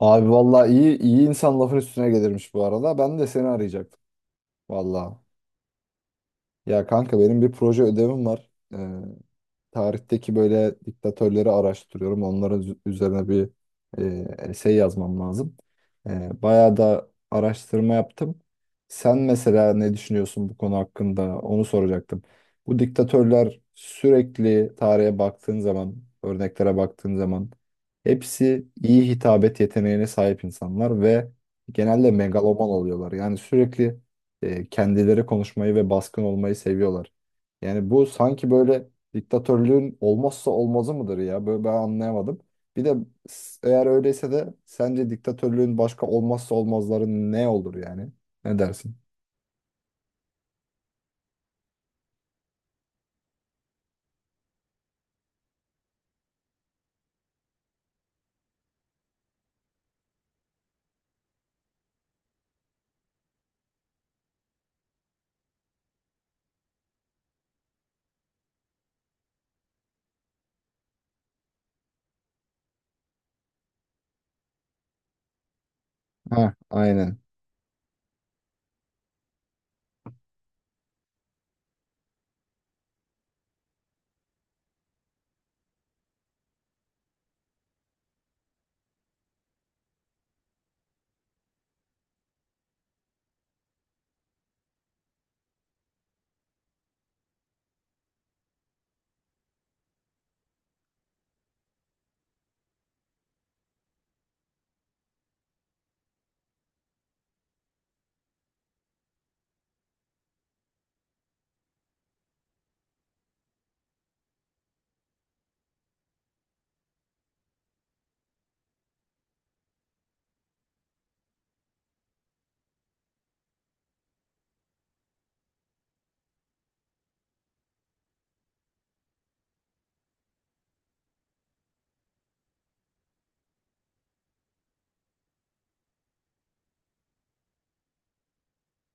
Abi vallahi iyi iyi insan lafın üstüne gelirmiş bu arada. Ben de seni arayacaktım vallahi. Ya kanka benim bir proje ödevim var. Tarihteki böyle diktatörleri araştırıyorum. Onların üzerine bir essay yazmam lazım. Bayağı da araştırma yaptım. Sen mesela ne düşünüyorsun bu konu hakkında? Onu soracaktım. Bu diktatörler sürekli tarihe baktığın zaman, örneklere baktığın zaman hepsi iyi hitabet yeteneğine sahip insanlar ve genelde megaloman oluyorlar. Yani sürekli kendileri konuşmayı ve baskın olmayı seviyorlar. Yani bu sanki böyle diktatörlüğün olmazsa olmazı mıdır ya? Böyle ben anlayamadım. Bir de eğer öyleyse de sence diktatörlüğün başka olmazsa olmazları ne olur yani? Ne dersin? Ha, aynen.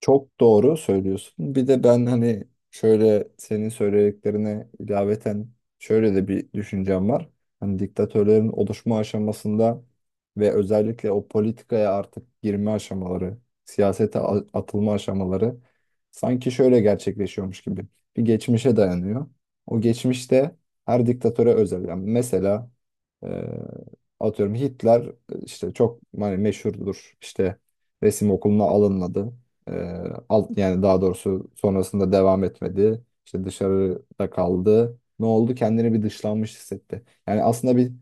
Çok doğru söylüyorsun. Bir de ben hani şöyle senin söylediklerine ilaveten şöyle de bir düşüncem var. Hani diktatörlerin oluşma aşamasında ve özellikle o politikaya artık girme aşamaları, siyasete atılma aşamaları sanki şöyle gerçekleşiyormuş gibi. Bir geçmişe dayanıyor. O geçmişte her diktatöre özel. Yani mesela e, atıyorum Hitler işte çok hani meşhurdur. İşte resim okuluna alınmadı. Ee, Alt yani daha doğrusu sonrasında devam etmedi. İşte dışarıda kaldı. Ne oldu? Kendini bir dışlanmış hissetti. Yani aslında bir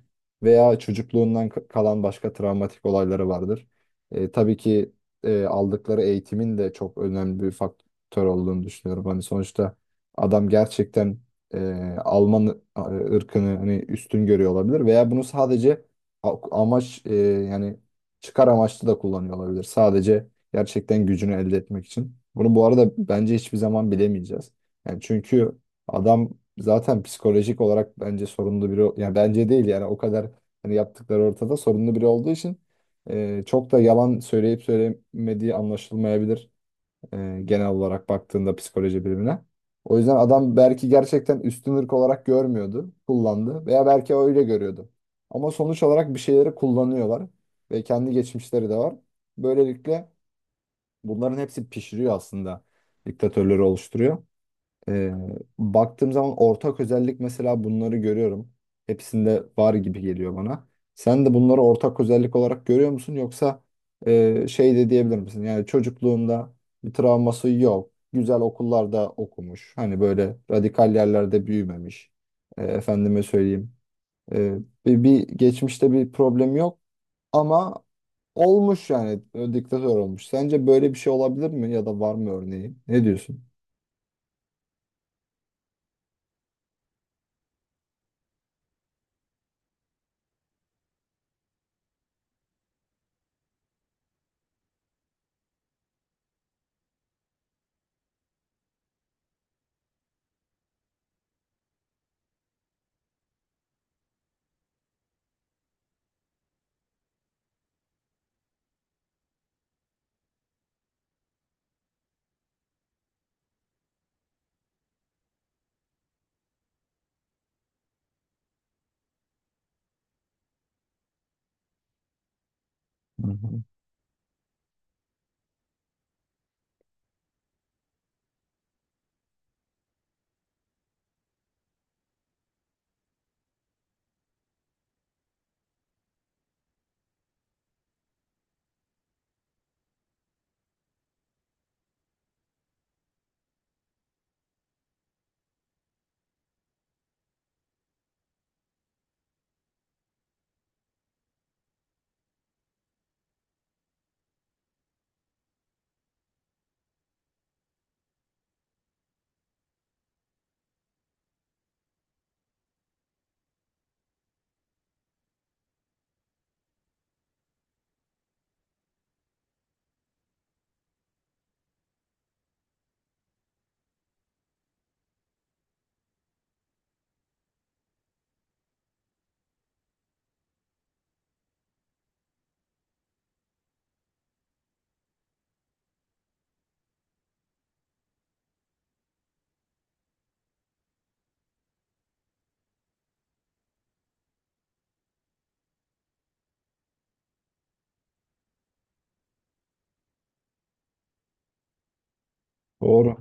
veya çocukluğundan kalan başka travmatik olayları vardır. Tabii ki aldıkları eğitimin de çok önemli bir faktör olduğunu düşünüyorum. Hani sonuçta adam gerçekten Alman ırkını hani üstün görüyor olabilir veya bunu sadece amaç yani çıkar amaçlı da kullanıyor olabilir. Sadece gerçekten gücünü elde etmek için. Bunu bu arada bence hiçbir zaman bilemeyeceğiz. Yani çünkü adam zaten psikolojik olarak bence sorunlu biri. Yani bence değil yani o kadar hani yaptıkları ortada sorunlu biri olduğu için çok da yalan söyleyip söylemediği anlaşılmayabilir genel olarak baktığında psikoloji bilimine. O yüzden adam belki gerçekten üstün ırk olarak görmüyordu, kullandı veya belki öyle görüyordu. Ama sonuç olarak bir şeyleri kullanıyorlar ve kendi geçmişleri de var. Böylelikle bunların hepsi pişiriyor aslında. Diktatörleri oluşturuyor. Ee, Baktığım zaman ortak özellik mesela bunları görüyorum. Hepsinde var gibi geliyor bana. Sen de bunları ortak özellik olarak görüyor musun? Yoksa şey de diyebilir misin? Yani çocukluğunda bir travması yok. Güzel okullarda okumuş. Hani böyle radikal yerlerde büyümemiş. Efendime söyleyeyim. E, bir geçmişte bir problem yok. Ama olmuş yani diktatör olmuş. Sence böyle bir şey olabilir mi ya da var mı örneği? Ne diyorsun? Hı hı. Doğru.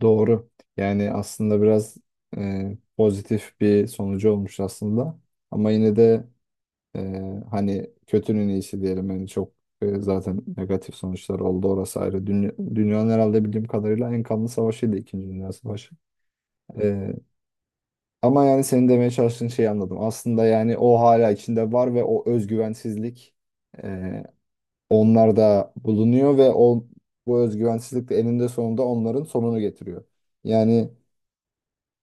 Doğru. Yani aslında biraz pozitif bir sonucu olmuş aslında. Ama yine de e, hani kötünün iyisi diyelim. Yani çok zaten negatif sonuçlar oldu orası ayrı. Dünyanın herhalde bildiğim kadarıyla en kanlı savaşıydı İkinci Dünya Savaşı. E, Ama yani senin demeye çalıştığın şeyi anladım. Aslında yani o hala içinde var ve o özgüvensizlik e, onlarda bulunuyor ve o bu özgüvensizlik de eninde sonunda onların sonunu getiriyor. Yani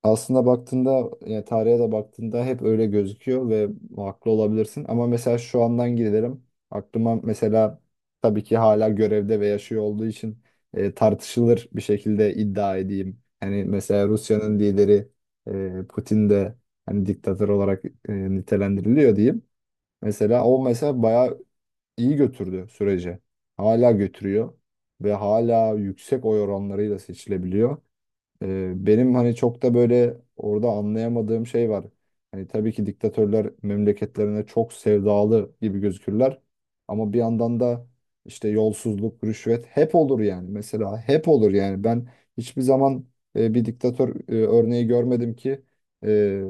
aslında baktığında yani tarihe de baktığında hep öyle gözüküyor ve haklı olabilirsin. Ama mesela şu andan gidelim. Aklıma mesela tabii ki hala görevde ve yaşıyor olduğu için tartışılır bir şekilde iddia edeyim. Hani mesela Rusya'nın lideri Putin de hani diktatör olarak nitelendiriliyor diyeyim. Mesela o mesela bayağı iyi götürdü süreci. Hala götürüyor ve hala yüksek oy oranlarıyla seçilebiliyor. Benim hani çok da böyle orada anlayamadığım şey var. Hani tabii ki diktatörler memleketlerine çok sevdalı gibi gözükürler. Ama bir yandan da işte yolsuzluk, rüşvet hep olur yani. Mesela hep olur yani. Ben hiçbir zaman bir diktatör örneği görmedim ki e,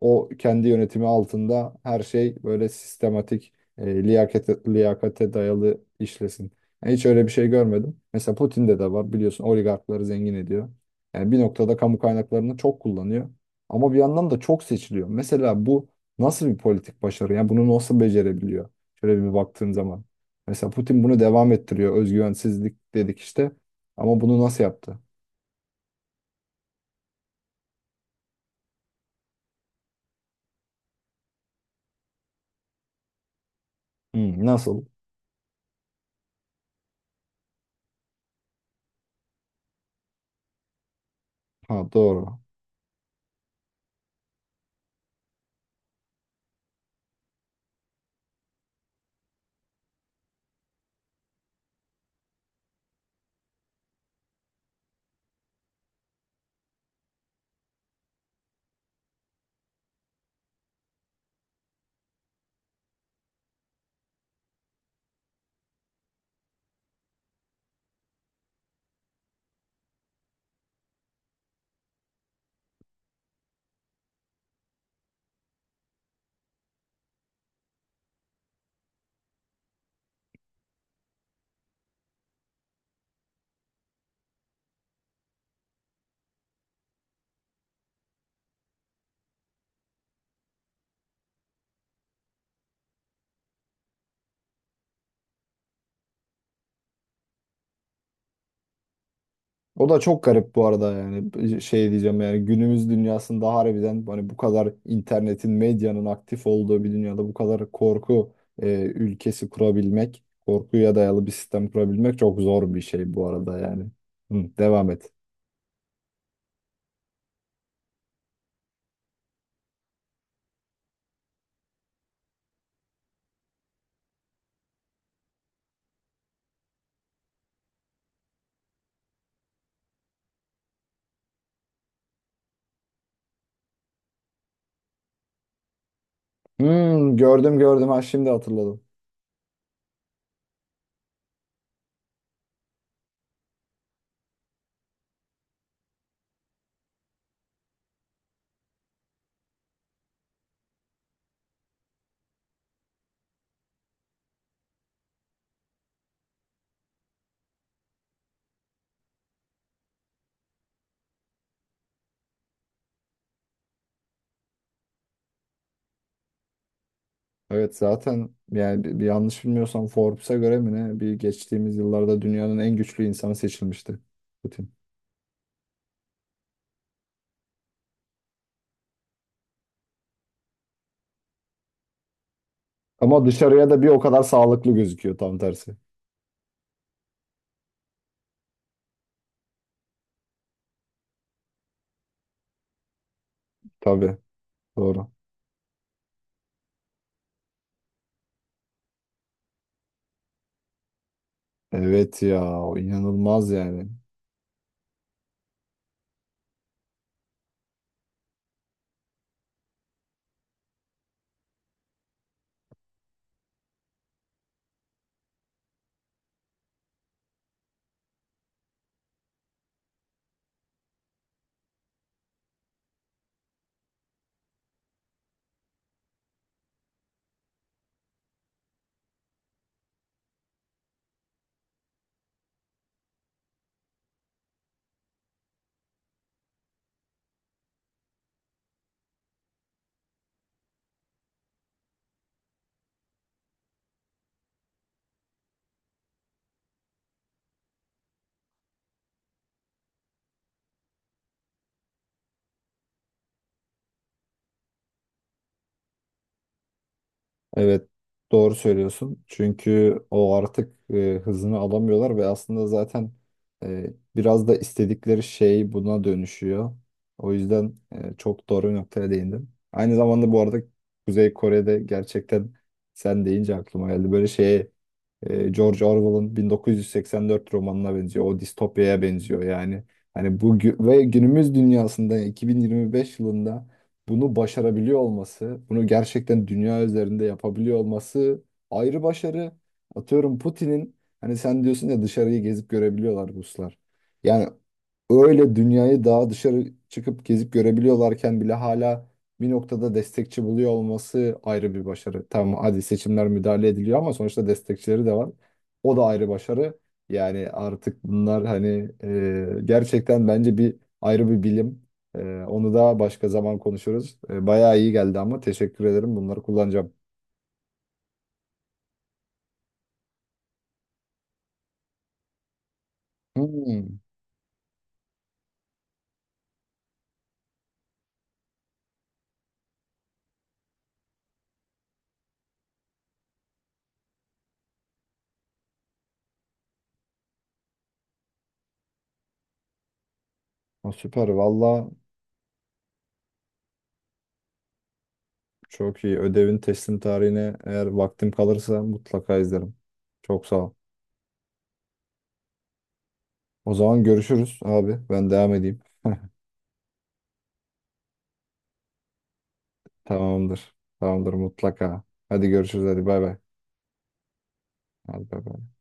o kendi yönetimi altında her şey böyle sistematik, liyakate dayalı işlesin. Yani hiç öyle bir şey görmedim. Mesela Putin'de de var biliyorsun oligarkları zengin ediyor. Yani bir noktada kamu kaynaklarını çok kullanıyor. Ama bir yandan da çok seçiliyor. Mesela bu nasıl bir politik başarı? Yani bunu nasıl becerebiliyor? Şöyle bir baktığın zaman. Mesela Putin bunu devam ettiriyor. Özgüvensizlik dedik işte. Ama bunu nasıl yaptı? Hmm, nasıl? Ha doğru. O da çok garip bu arada yani şey diyeceğim yani günümüz dünyasında harbiden hani bu kadar internetin medyanın aktif olduğu bir dünyada bu kadar korku ülkesi kurabilmek korkuya dayalı bir sistem kurabilmek çok zor bir şey bu arada yani. Hı, devam et. Hmm, gördüm gördüm ha şimdi hatırladım. Evet zaten yani bir yanlış bilmiyorsam Forbes'a göre mi ne bir geçtiğimiz yıllarda dünyanın en güçlü insanı seçilmişti Putin. Ama dışarıya da bir o kadar sağlıklı gözüküyor tam tersi. Tabii doğru. Evet ya o inanılmaz yani. Evet doğru söylüyorsun. Çünkü o artık hızını alamıyorlar ve aslında zaten biraz da istedikleri şey buna dönüşüyor. O yüzden çok doğru bir noktaya değindin. Aynı zamanda bu arada Kuzey Kore'de gerçekten sen deyince aklıma geldi. Böyle şeye George Orwell'ın 1984 romanına benziyor. O distopyaya benziyor yani. Hani bu ve günümüz dünyasında 2025 yılında bunu başarabiliyor olması, bunu gerçekten dünya üzerinde yapabiliyor olması ayrı başarı. Atıyorum Putin'in hani sen diyorsun ya dışarıyı gezip görebiliyorlar Ruslar. Yani öyle dünyayı daha dışarı çıkıp gezip görebiliyorlarken bile hala bir noktada destekçi buluyor olması ayrı bir başarı. Tamam hadi seçimler müdahale ediliyor ama sonuçta destekçileri de var. O da ayrı başarı. Yani artık bunlar hani gerçekten bence bir ayrı bir bilim. Onu da başka zaman konuşuruz. Bayağı iyi geldi ama teşekkür ederim. Bunları kullanacağım. Hmm, o süper. Valla çok iyi. Ödevin teslim tarihine eğer vaktim kalırsa mutlaka izlerim. Çok sağ ol. O zaman görüşürüz abi. Ben devam edeyim. Tamamdır. Tamamdır mutlaka. Hadi görüşürüz. Hadi bay bay. Hadi bay bay.